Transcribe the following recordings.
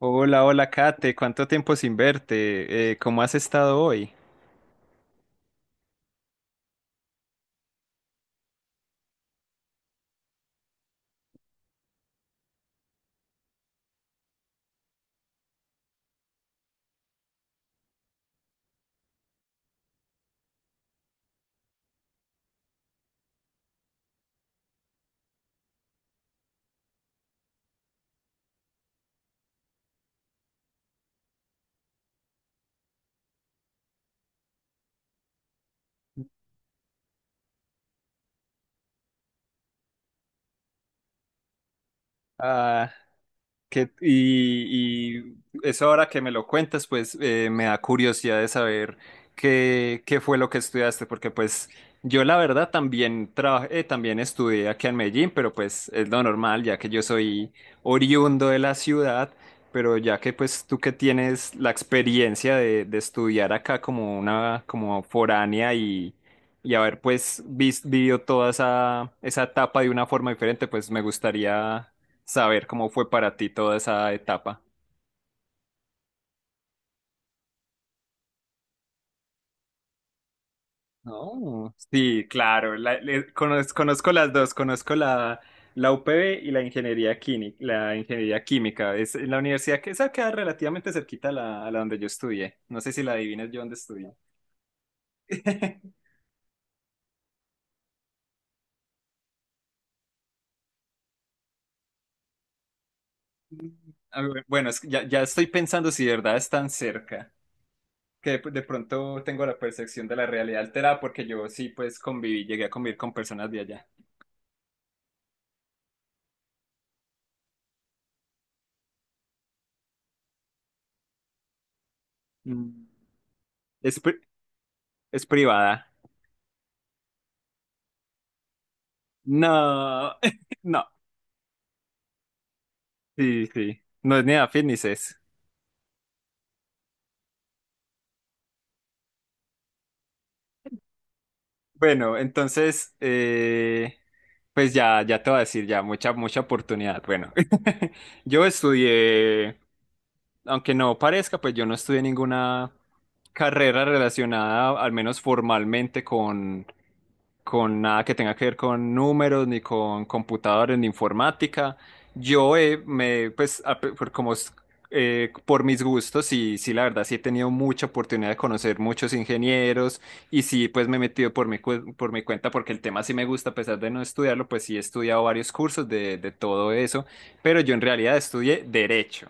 Hola, hola Kate, ¿cuánto tiempo sin verte? ¿Cómo has estado hoy? Ah. Y eso ahora que me lo cuentas, pues me da curiosidad de saber qué fue lo que estudiaste, porque pues yo la verdad también trabajé, también estudié aquí en Medellín, pero pues es lo normal, ya que yo soy oriundo de la ciudad, pero ya que pues tú que tienes la experiencia de estudiar acá como como foránea, y haber pues vivido toda esa, esa etapa de una forma diferente, pues me gustaría saber cómo fue para ti toda esa etapa. No. Sí, claro, conozco, las dos, conozco la UPB y la ingeniería química, la ingeniería química. Es en la universidad que esa queda relativamente cerquita a la donde yo estudié. No sé si la adivinas yo dónde estudié. Ah, bueno, es que ya estoy pensando si de verdad es tan cerca, que de pronto tengo la percepción de la realidad alterada porque yo sí pues conviví, llegué a convivir con personas de allá. Mm. Es, pri- es privada. No, no, sí, sí. No es ni afín ni ces. Bueno, entonces, pues ya te voy a decir, ya, mucha oportunidad. Bueno, yo estudié, aunque no parezca, pues yo no estudié ninguna carrera relacionada, al menos formalmente, con nada que tenga que ver con números, ni con computadores, ni informática. Yo me, pues, a- por, como, es- Por mis gustos, sí, sí, la verdad, sí he tenido mucha oportunidad de conocer muchos ingenieros y sí, pues me he metido por mi cuenta porque el tema sí me gusta, a pesar de no estudiarlo, pues sí he estudiado varios cursos de todo eso, pero yo en realidad estudié Derecho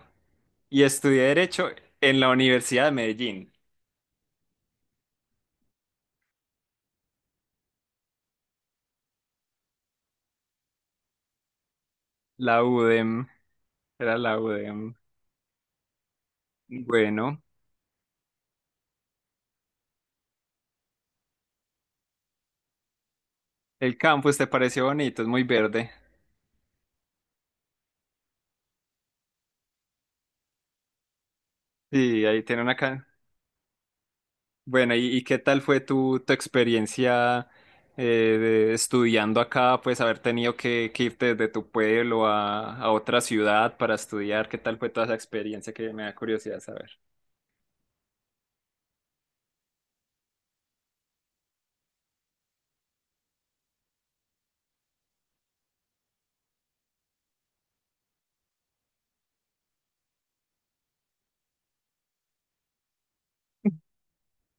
y estudié Derecho en la Universidad de Medellín, la UDEM, era la UDEM. Bueno, el campus te pareció bonito, es muy verde. Sí, ahí tiene una, bueno, ¿y qué tal fue tu, experiencia eh, estudiando acá? Pues haber tenido que irte desde tu pueblo a otra ciudad para estudiar. ¿Qué tal fue toda esa experiencia que me da curiosidad saber?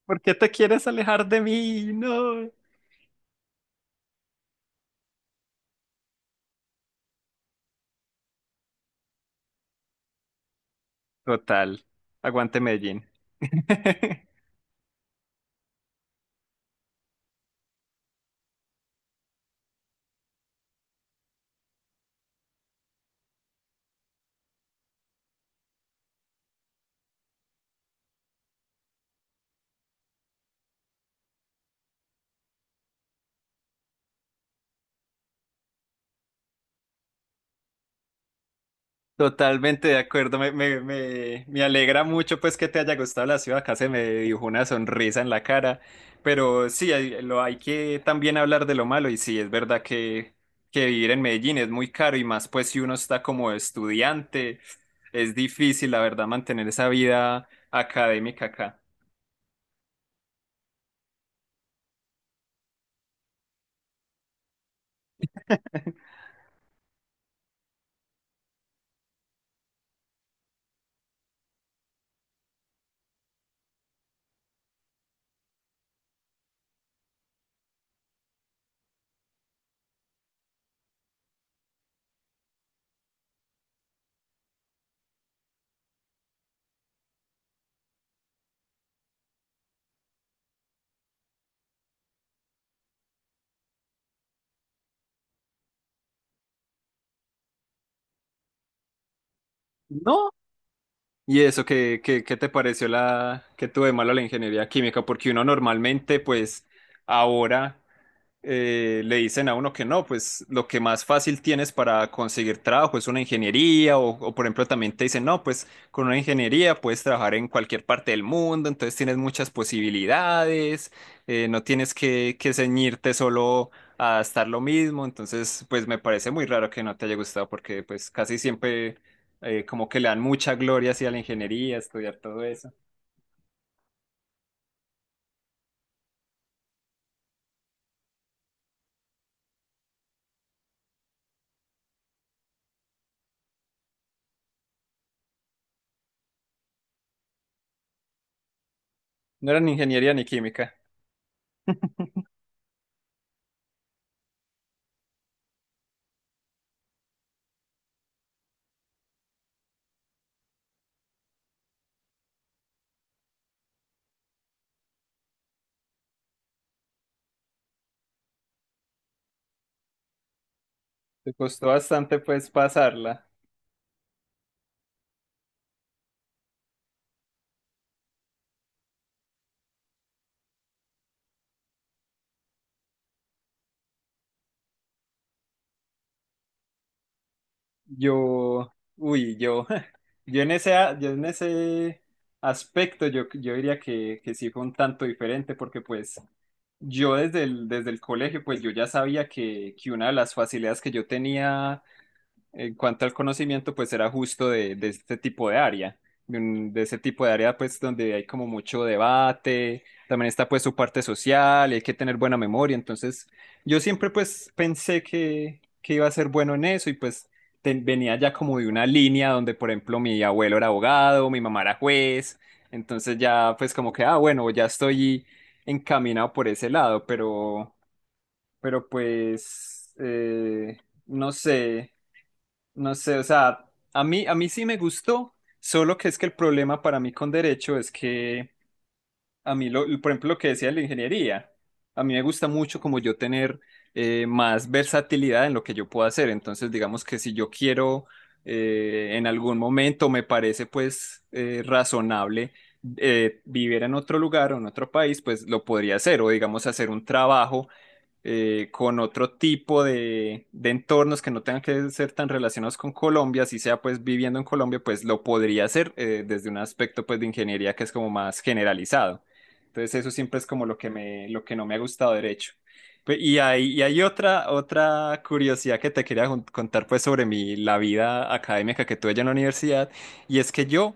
¿Por qué te quieres alejar de mí? No. Total. Aguante Medellín. Totalmente de acuerdo, me alegra mucho pues que te haya gustado la ciudad, acá se me dibujó una sonrisa en la cara, pero sí, hay que también hablar de lo malo y sí, es verdad que, vivir en Medellín es muy caro y más pues si uno está como estudiante, es difícil la verdad mantener esa vida académica acá. No. ¿Y eso qué te pareció la que tuve malo la ingeniería química? Porque uno normalmente, pues, ahora le dicen a uno que no, pues lo que más fácil tienes para conseguir trabajo es una ingeniería o, por ejemplo también te dicen, no, pues con una ingeniería puedes trabajar en cualquier parte del mundo, entonces tienes muchas posibilidades, no tienes que, ceñirte solo a estar lo mismo, entonces pues me parece muy raro que no te haya gustado porque pues casi siempre como que le dan mucha gloria hacia la ingeniería, estudiar todo eso. No era ni ingeniería ni química, te costó bastante pues pasarla. Yo, uy, yo, yo en ese aspecto, yo diría que, sí fue un tanto diferente, porque pues yo desde el, colegio, pues yo ya sabía que una de las facilidades que yo tenía en cuanto al conocimiento, pues era justo de este tipo de área, de ese tipo de área, pues donde hay como mucho debate, también está pues su parte social, y hay que tener buena memoria, entonces yo siempre pues pensé que iba a ser bueno en eso y pues venía ya como de una línea donde, por ejemplo, mi abuelo era abogado, mi mamá era juez, entonces ya pues como que, ah, bueno, ya estoy encaminado por ese lado, pero pues, no sé, no sé, o sea, a mí sí me gustó, solo que es que el problema para mí con derecho es que por ejemplo, lo que decía de la ingeniería, a mí me gusta mucho como yo tener más versatilidad en lo que yo puedo hacer. Entonces, digamos que si yo quiero en algún momento me parece pues razonable vivir en otro lugar o en otro país, pues lo podría hacer o digamos hacer un trabajo con otro tipo de entornos que no tengan que ser tan relacionados con Colombia, si sea pues viviendo en Colombia, pues lo podría hacer desde un aspecto pues de ingeniería que es como más generalizado. Entonces eso siempre es como lo que me, lo que no me ha gustado derecho. Y hay otra, curiosidad que te quería contar pues sobre la vida académica que tuve allá en la universidad, y es que yo,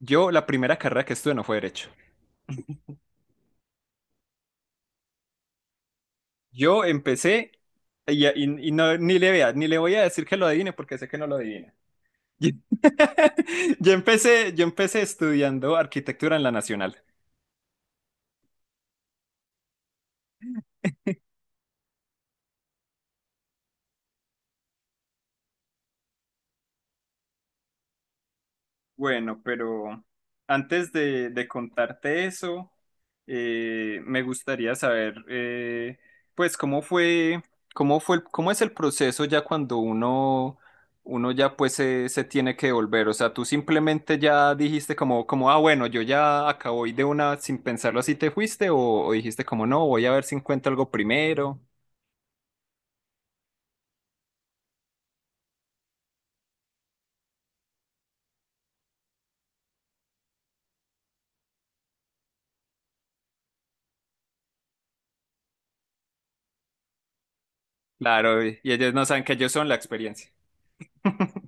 yo la primera carrera que estudié no fue derecho. Yo empecé y no, ni le vea, ni le voy a decir que lo adivine porque sé que no lo adivina. Yo empecé estudiando arquitectura en la Nacional. Bueno, pero antes de contarte eso, me gustaría saber, pues, cómo es el proceso ya cuando uno ya pues se tiene que volver. O sea, tú simplemente ya dijiste como, como, ah, bueno, yo ya acabo y de una sin pensarlo así te fuiste, o dijiste como, no, voy a ver si encuentro algo primero. Claro, y ellos no saben que ellos son la experiencia.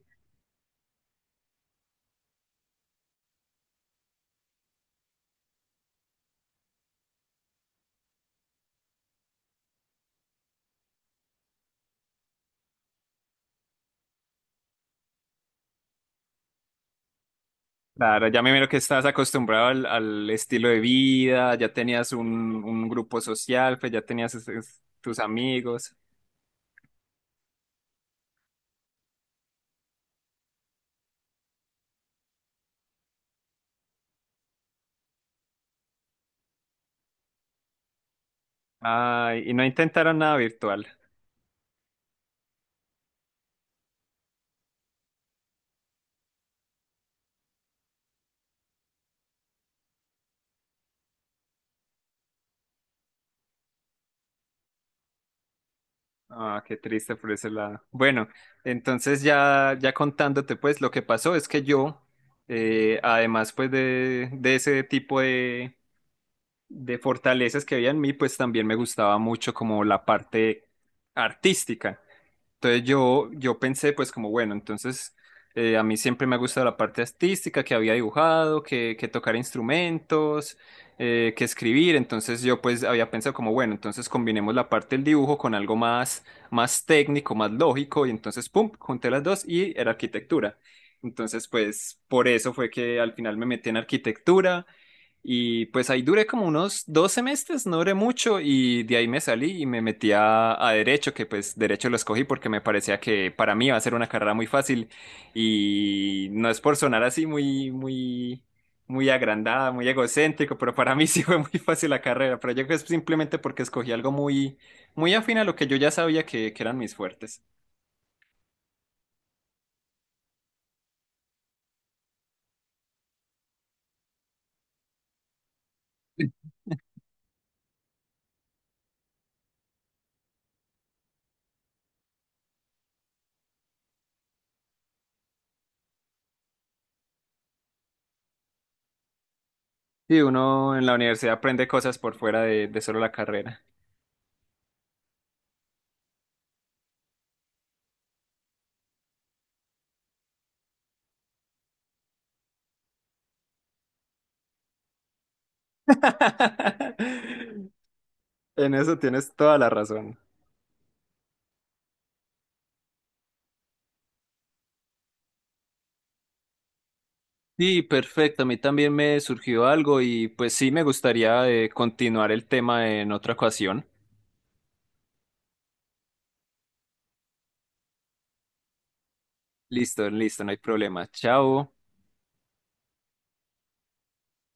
Claro, ya me miro que estás acostumbrado al estilo de vida, ya tenías un grupo social, pues ya tenías tus amigos. Ay, y no intentaron nada virtual. Ah, qué triste por ese lado. Bueno, entonces ya contándote, pues lo que pasó es que yo, además pues de, ese tipo de fortalezas que había en mí, pues también me gustaba mucho como la parte artística. Entonces yo pensé pues como, bueno, entonces a mí siempre me ha gustado la parte artística, que había dibujado, que tocar instrumentos, que escribir, entonces yo pues había pensado como, bueno, entonces combinemos la parte del dibujo con algo más, más técnico, más lógico, y entonces, ¡pum!, junté las dos y era arquitectura. Entonces pues por eso fue que al final me metí en arquitectura. Y pues ahí duré como unos dos semestres, no duré mucho y de ahí me salí y me metí a Derecho, que pues Derecho lo escogí porque me parecía que para mí iba a ser una carrera muy fácil y no es por sonar así muy, muy, muy agrandada, muy egocéntrico, pero para mí sí fue muy fácil la carrera, pero yo creo que es simplemente porque escogí algo muy, muy afín a lo que yo ya sabía que eran mis fuertes. Y uno en la universidad aprende cosas por fuera de, solo la carrera. En eso tienes toda la razón. Sí, perfecto. A mí también me surgió algo y pues sí me gustaría continuar el tema en otra ocasión. Listo, listo, no hay problema. Chao.